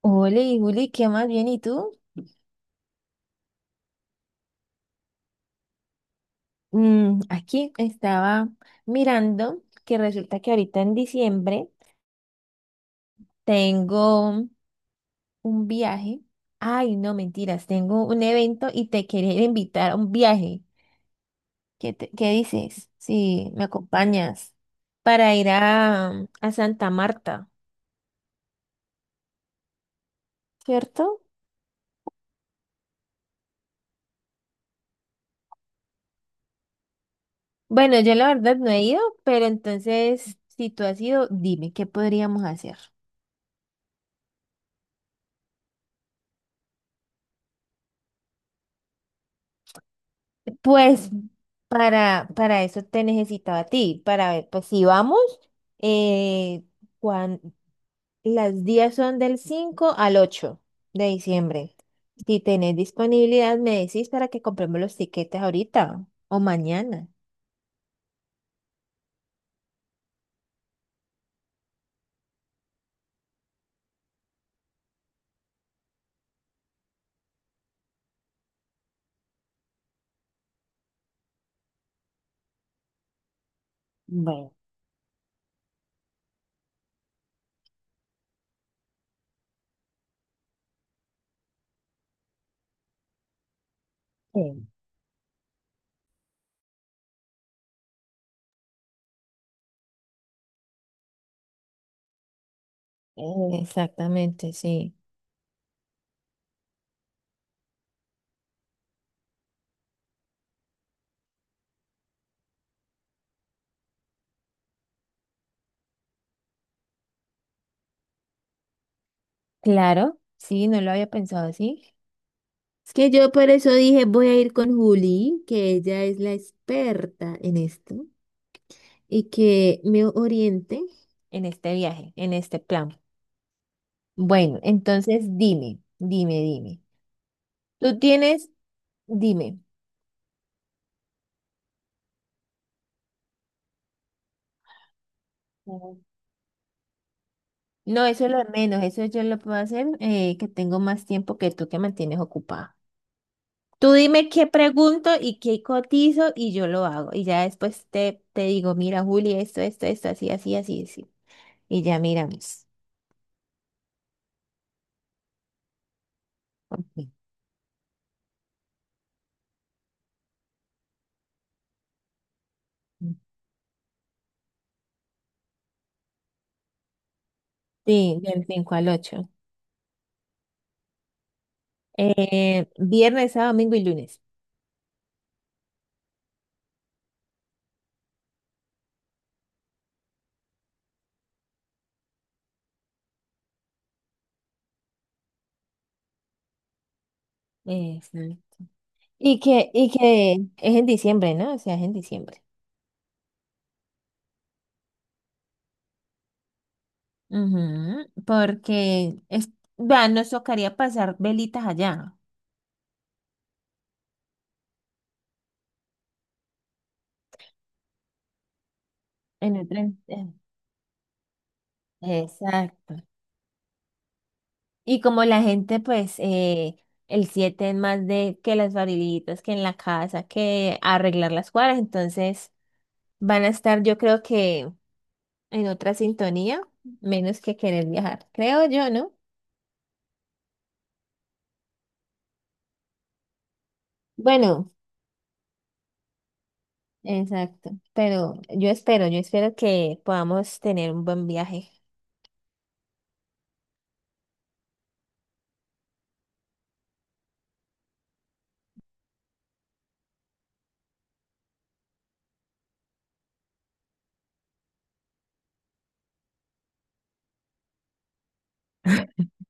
Hola, y Juli, ¿qué más bien? ¿Y tú? Aquí estaba mirando que resulta que ahorita en diciembre tengo un viaje. Ay, no, mentiras, tengo un evento y te quería invitar a un viaje. ¿Qué, qué dices? Si me acompañas para ir a Santa Marta, ¿cierto? Bueno, yo la verdad no he ido, pero entonces, si tú has ido, dime, ¿qué podríamos hacer? Pues para eso te necesitaba a ti, para ver, pues si vamos, eh, cuan- las días son del 5 al 8 de diciembre. Si tenés disponibilidad, me decís para que compremos los tiquetes ahorita o mañana. Eh, Exactamente, sí. Claro, sí, no lo había pensado así. Es que yo por eso dije, voy a ir con Juli, que ella es la experta en esto. Y que me oriente en este viaje, en este plan. Bueno, entonces dime, dime. Tú tienes, dime. Ujú. No, eso es lo de menos, eso yo lo puedo hacer, que tengo más tiempo que tú que mantienes ocupada. Tú dime qué pregunto y qué cotizo y yo lo hago. Y ya después te digo, mira, Juli, esto, así, así. Y ya miramos. Ok. Sí, del 5 al 8. Viernes, sábado, domingo y lunes. Eso. Y que es en diciembre, ¿no? O sea, es en diciembre. Ujú, porque es, vea, nos tocaría pasar velitas allá, en el tren. Exacto. Y como la gente, pues, el 7 es más de que las barilitas, que en la casa, que arreglar las cuadras, entonces van a estar, yo creo que en otra sintonía, menos que querer viajar, creo yo, ¿no? Bueno. Exacto. Pero yo espero que podamos tener un buen viaje.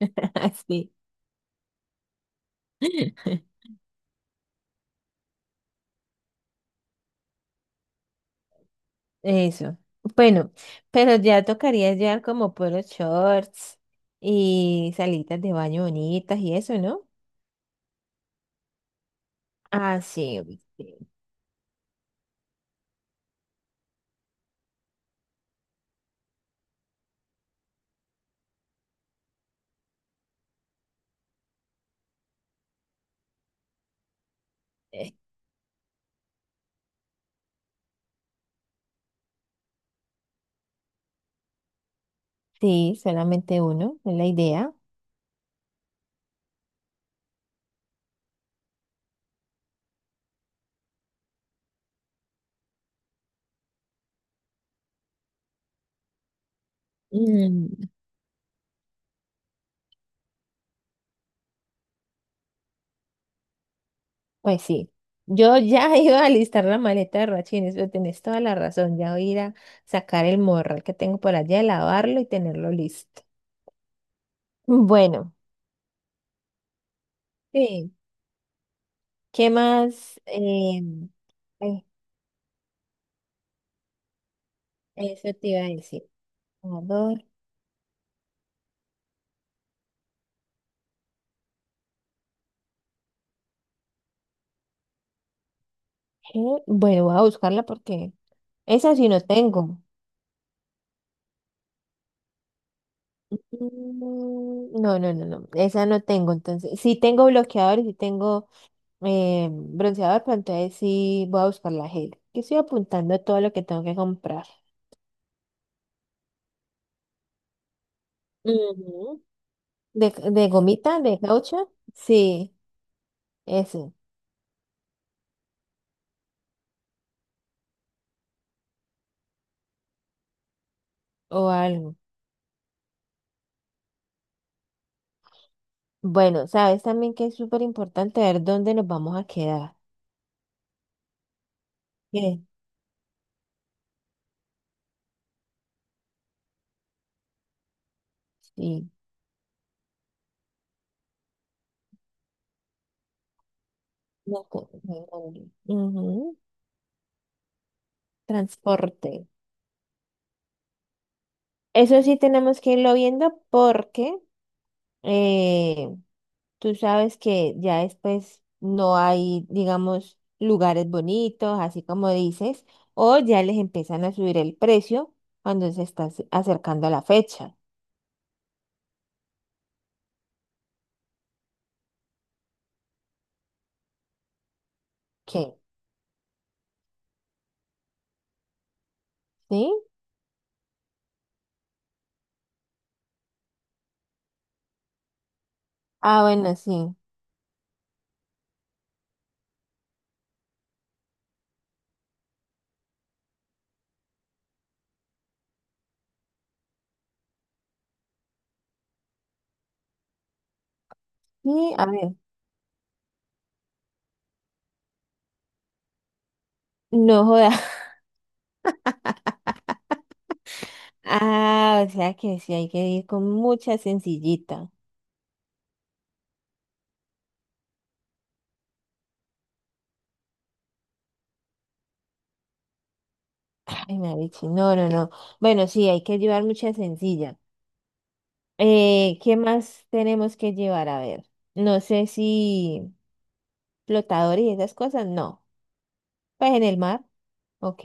Así. Eso. Bueno, pero ya tocaría llevar como puros shorts y salitas de baño bonitas y eso, ¿no? Ah, sí, obviamente. Sí, solamente uno, es la idea. Mm, Pues sí, yo ya iba a listar la maleta de Rachines, pero tenés toda la razón, ya voy a ir a sacar el morral que tengo por allá, lavarlo y tenerlo listo. Bueno. Sí, ¿qué más? Ay, eso te iba a decir. Ador- eh, Bueno, voy a buscarla porque esa sí no tengo. No, no, esa no tengo. Entonces, sí tengo bloqueador y sí tengo bronceador, pero entonces sí voy a buscar la gel. Yo estoy apuntando todo lo que tengo que comprar. Ujú. De gomita, de caucho, sí, eso, o algo. Bueno, sabes también que es súper importante ver dónde nos vamos a quedar. Sí, no, hombre. Ujú, transporte. Eso sí tenemos que irlo viendo porque eh, tú sabes que ya después no hay, digamos, lugares bonitos, así como dices, o ya les empiezan a subir el precio cuando se está acercando la fecha. ¿Qué? ¿Sí? Ah, bueno, sí. Sí, a ver. No joda. Ah, o sea que sí hay que ir con mucha sencillita. Ay, Marichi, no, no, no. Bueno, sí, hay que llevar mucha sencilla. ¿Qué más tenemos que llevar? A ver, no sé si flotador y esas cosas, no. Pues en el mar, ok.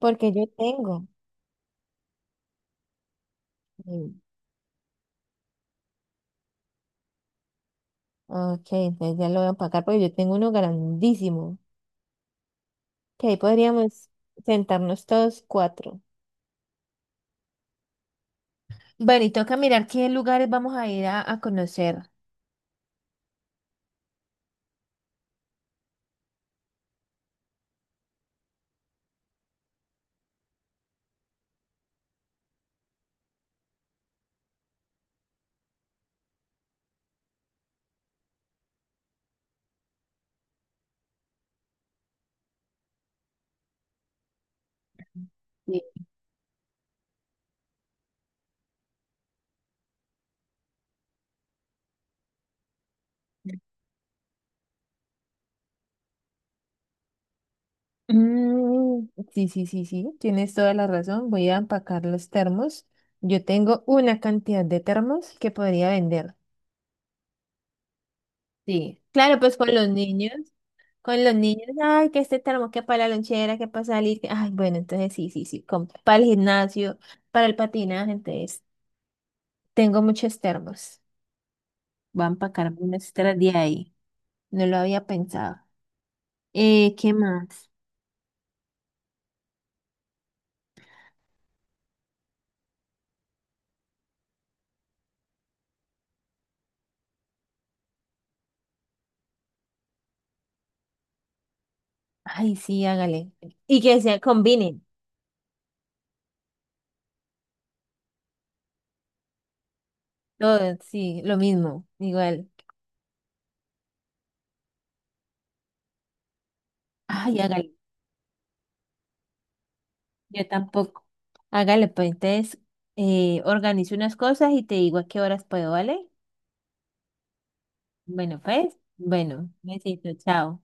Porque yo tengo. mm, Ok, entonces ya lo voy a empacar porque yo tengo uno grandísimo. Que ahí podríamos sentarnos todos cuatro. Bueno, y toca mirar qué lugares vamos a ir a conocer. Mm, sí, sí, tienes toda la razón. Voy a empacar los termos. Yo tengo una cantidad de termos que podría vender. Sí, claro, pues con los niños, ay, que este termo, que para la lonchera, que para salir, ay, bueno, entonces sí, para el gimnasio, para el patinaje, entonces tengo muchos termos. Voy a empacar unos extra de ahí. No lo había pensado. ¿Qué más? Ay, sí, hágale. Y que se combinen. Todo, sí, lo mismo, igual. Ay, hágale. Yo tampoco. Hágale, pues entonces organizo unas cosas y te digo a qué horas puedo, ¿vale? Bueno, pues, bueno, besito, chao.